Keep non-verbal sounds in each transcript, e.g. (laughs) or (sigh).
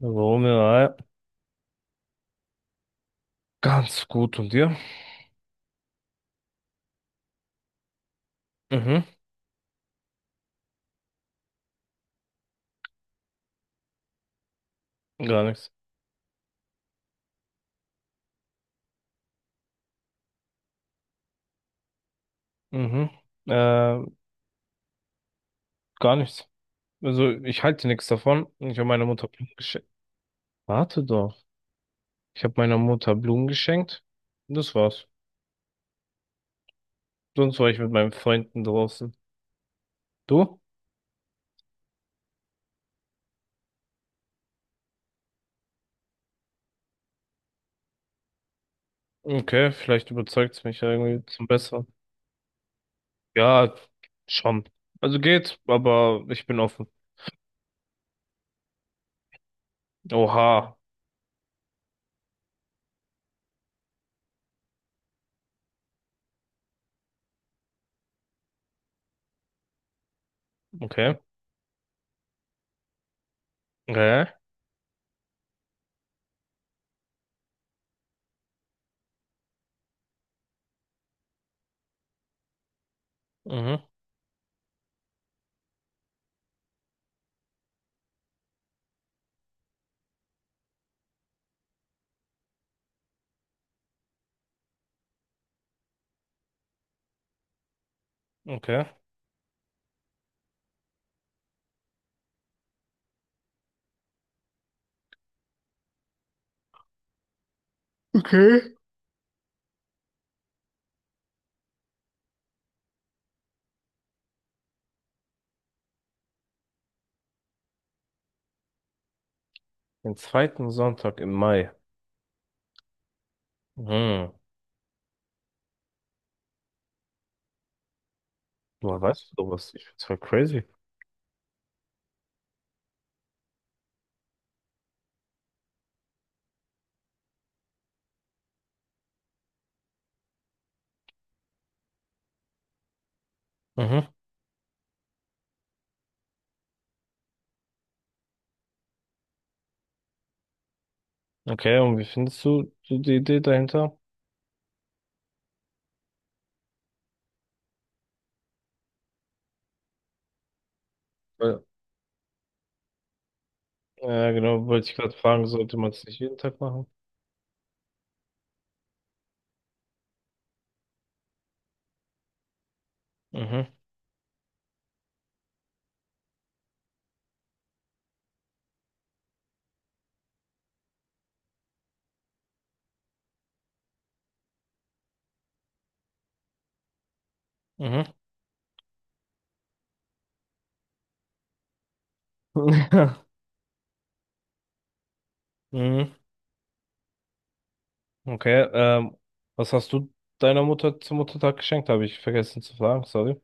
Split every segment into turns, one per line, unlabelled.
Romeo, ja. Ganz gut. Und dir? Mhm. Gar nichts. Mhm. Äh, Gar nichts. Also ich halte nichts davon. Ich habe meiner Mutter Blumen geschenkt. Warte doch. Ich habe meiner Mutter Blumen geschenkt. Und das war's. Sonst war ich mit meinen Freunden draußen. Du? Okay, vielleicht überzeugt's mich ja irgendwie zum Besseren. Ja, schon. Also geht, aber ich bin offen. Oha. Okay. Okay. Mhm. Okay. Okay. Den zweiten Sonntag im Mai. Mhm. Woher weißt du sowas? Ich find's voll crazy. Mhm. Okay, und wie findest du so die Idee dahinter? Weil ja, genau, wollte ich gerade fragen, sollte man es nicht jeden Tag machen? Mhm. Mhm. (laughs) Mhm. Okay, was hast du deiner Mutter zum Muttertag geschenkt? Habe ich vergessen zu fragen, sorry.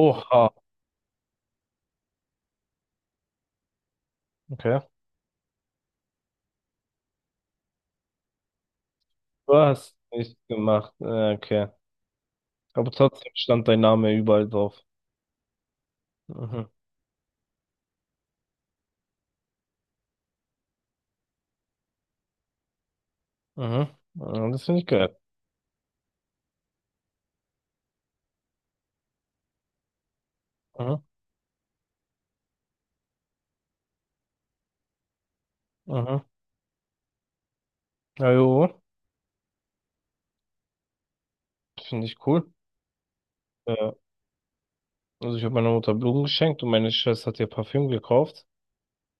Oha, okay. Du hast nichts gemacht, okay. Aber trotzdem stand dein Name überall drauf. Mhm. Mhm. Ja, das finde ich geil. Mhm. Mhm. Ja, jo, finde ich cool. Äh, Also ich habe meiner Mutter Blumen geschenkt und meine Schwester hat ihr Parfüm gekauft.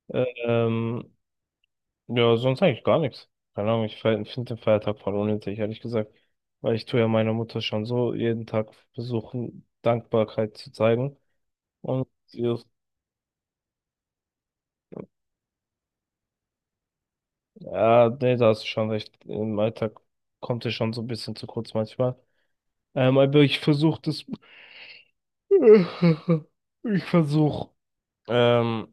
Ähm, ja, sonst eigentlich gar nichts. Keine Ahnung, ich finde den Feiertag voll unnötig, ehrlich gesagt. Weil ich tue ja meiner Mutter schon so jeden Tag versuchen, Dankbarkeit zu zeigen. Und ihr- ja, nee, da hast du schon recht. Im Alltag kommt es schon so ein bisschen zu kurz manchmal. Aber ich versuche das. (laughs) Ich versuche. Ähm,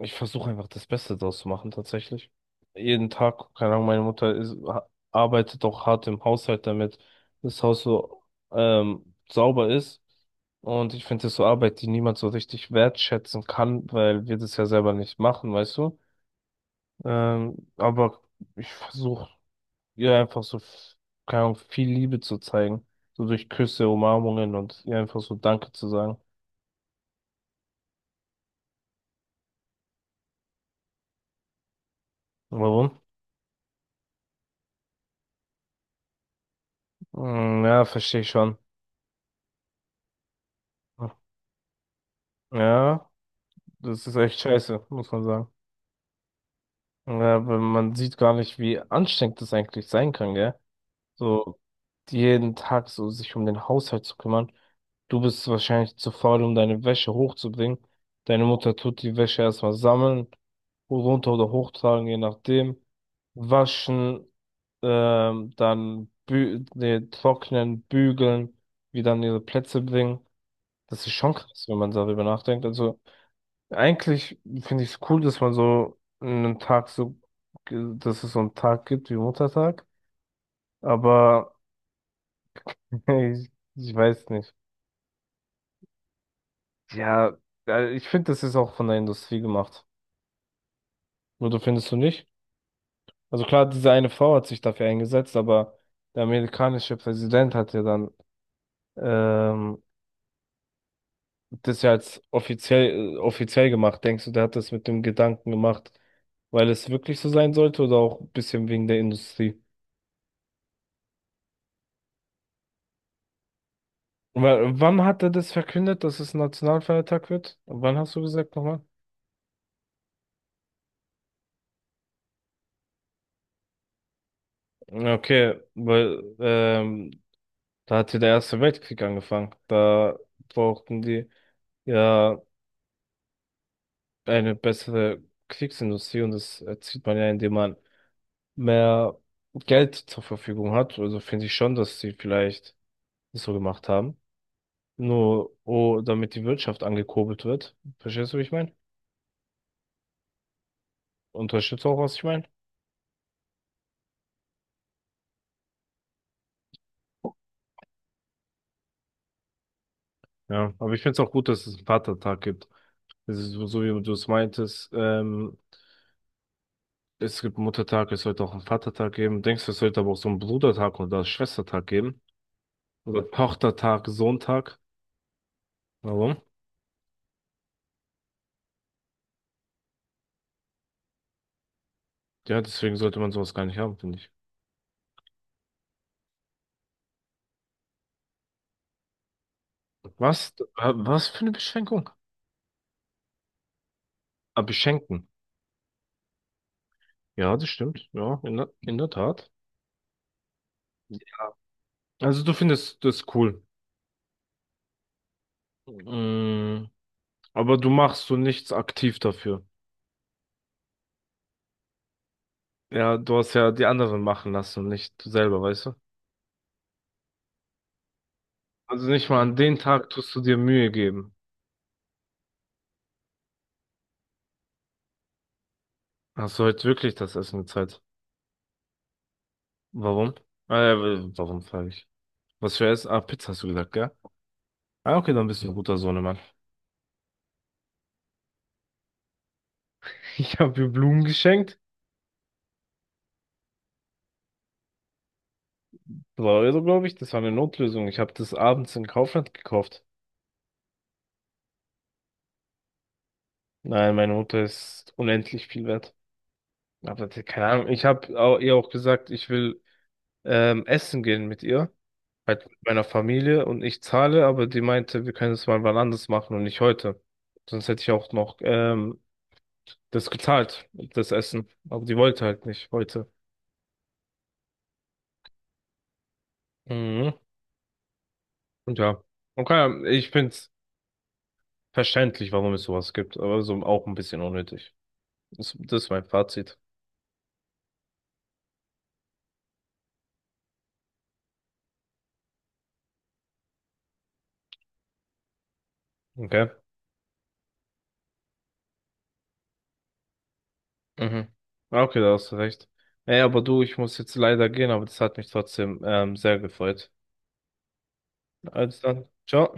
Ich versuche einfach das Beste draus zu machen, tatsächlich. Jeden Tag, keine Ahnung, meine Mutter ist, arbeitet auch hart im Haushalt, damit das Haus so sauber ist. Und ich finde das so Arbeit, die niemand so richtig wertschätzen kann, weil wir das ja selber nicht machen, weißt du? Aber ich versuche ihr einfach so, keine Ahnung, viel Liebe zu zeigen. So durch Küsse, Umarmungen und ihr einfach so Danke zu sagen. Warum? Hm, ja, verstehe ich schon. Ja. Das ist echt scheiße, muss man sagen. Ja, weil man sieht gar nicht, wie anstrengend das eigentlich sein kann, gell? So jeden Tag so sich um den Haushalt zu kümmern. Du bist wahrscheinlich zu faul, um deine Wäsche hochzubringen. Deine Mutter tut die Wäsche erstmal sammeln, runter oder hochtragen, je nachdem. Waschen, trocknen, bügeln, wieder an ihre Plätze bringen. Das ist schon krass, wenn man darüber nachdenkt. Also eigentlich finde ich es cool, dass man so einen Tag so, dass es so einen Tag gibt wie Muttertag, aber (laughs) ich, ich weiß nicht. Ja, ich finde, das ist auch von der Industrie gemacht. Oder findest du nicht? Also klar, diese eine Frau hat sich dafür eingesetzt, aber der amerikanische Präsident hat ja dann ähm, das ja als offiziell, offiziell gemacht. Denkst du, der hat das mit dem Gedanken gemacht, weil es wirklich so sein sollte oder auch ein bisschen wegen der Industrie? Wann hat er das verkündet, dass es ein Nationalfeiertag wird? Wann hast du gesagt nochmal? Okay, weil da hat ja der Erste Weltkrieg angefangen. Da brauchten die ja eine bessere Kriegsindustrie und das erzielt man ja, indem man mehr Geld zur Verfügung hat. Also finde ich schon, dass sie vielleicht das so gemacht haben. Nur, oh, damit die Wirtschaft angekurbelt wird. Verstehst du, wie ich meine? Unterstützt auch, was ich meine? Ja, aber ich finde es auch gut, dass es einen Vatertag gibt. Es ist so, so wie du es meintest, es gibt Muttertag, es sollte auch einen Vatertag geben. Denkst du, es sollte aber auch so einen Brudertag oder Schwestertag geben? Oder Tochtertag, Sohntag? Warum? Ja, deswegen sollte man sowas gar nicht haben, finde ich. Was? Was für eine Beschränkung? Ah, beschenken. Ja, das stimmt. Ja, in der Tat. Ja. Also du findest das cool. Mhm. Aber du machst so nichts aktiv dafür. Ja, du hast ja die anderen machen lassen und nicht du selber, weißt du? Also nicht mal an den Tag tust du dir Mühe geben. Hast du heute wirklich das Essen bezahlt? Warum? Äh, warum frage ich? Was für Essen? Ah, Pizza hast du gesagt, gell? Ah, okay, dann bist du ein guter Sohnemann. (laughs) Ich habe mir Blumen geschenkt. 2 Euro, glaube ich. Das war eine Notlösung. Ich habe das abends in Kaufland gekauft. Nein, meine Mutter ist unendlich viel wert. Aber keine Ahnung. Ich habe ihr auch gesagt, ich will essen gehen mit ihr. Halt mit meiner Familie und ich zahle, aber die meinte, wir können es mal wann anders machen und nicht heute. Sonst hätte ich auch noch das gezahlt, das Essen. Aber die wollte halt nicht heute. Mhm. Und ja. Okay, ich find's verständlich, warum es sowas gibt, aber so auch ein bisschen unnötig. Das ist mein Fazit. Okay. Mhm. Ah, okay, da hast du recht. Ey, aber du, ich muss jetzt leider gehen, aber das hat mich trotzdem sehr gefreut. Also dann, ciao.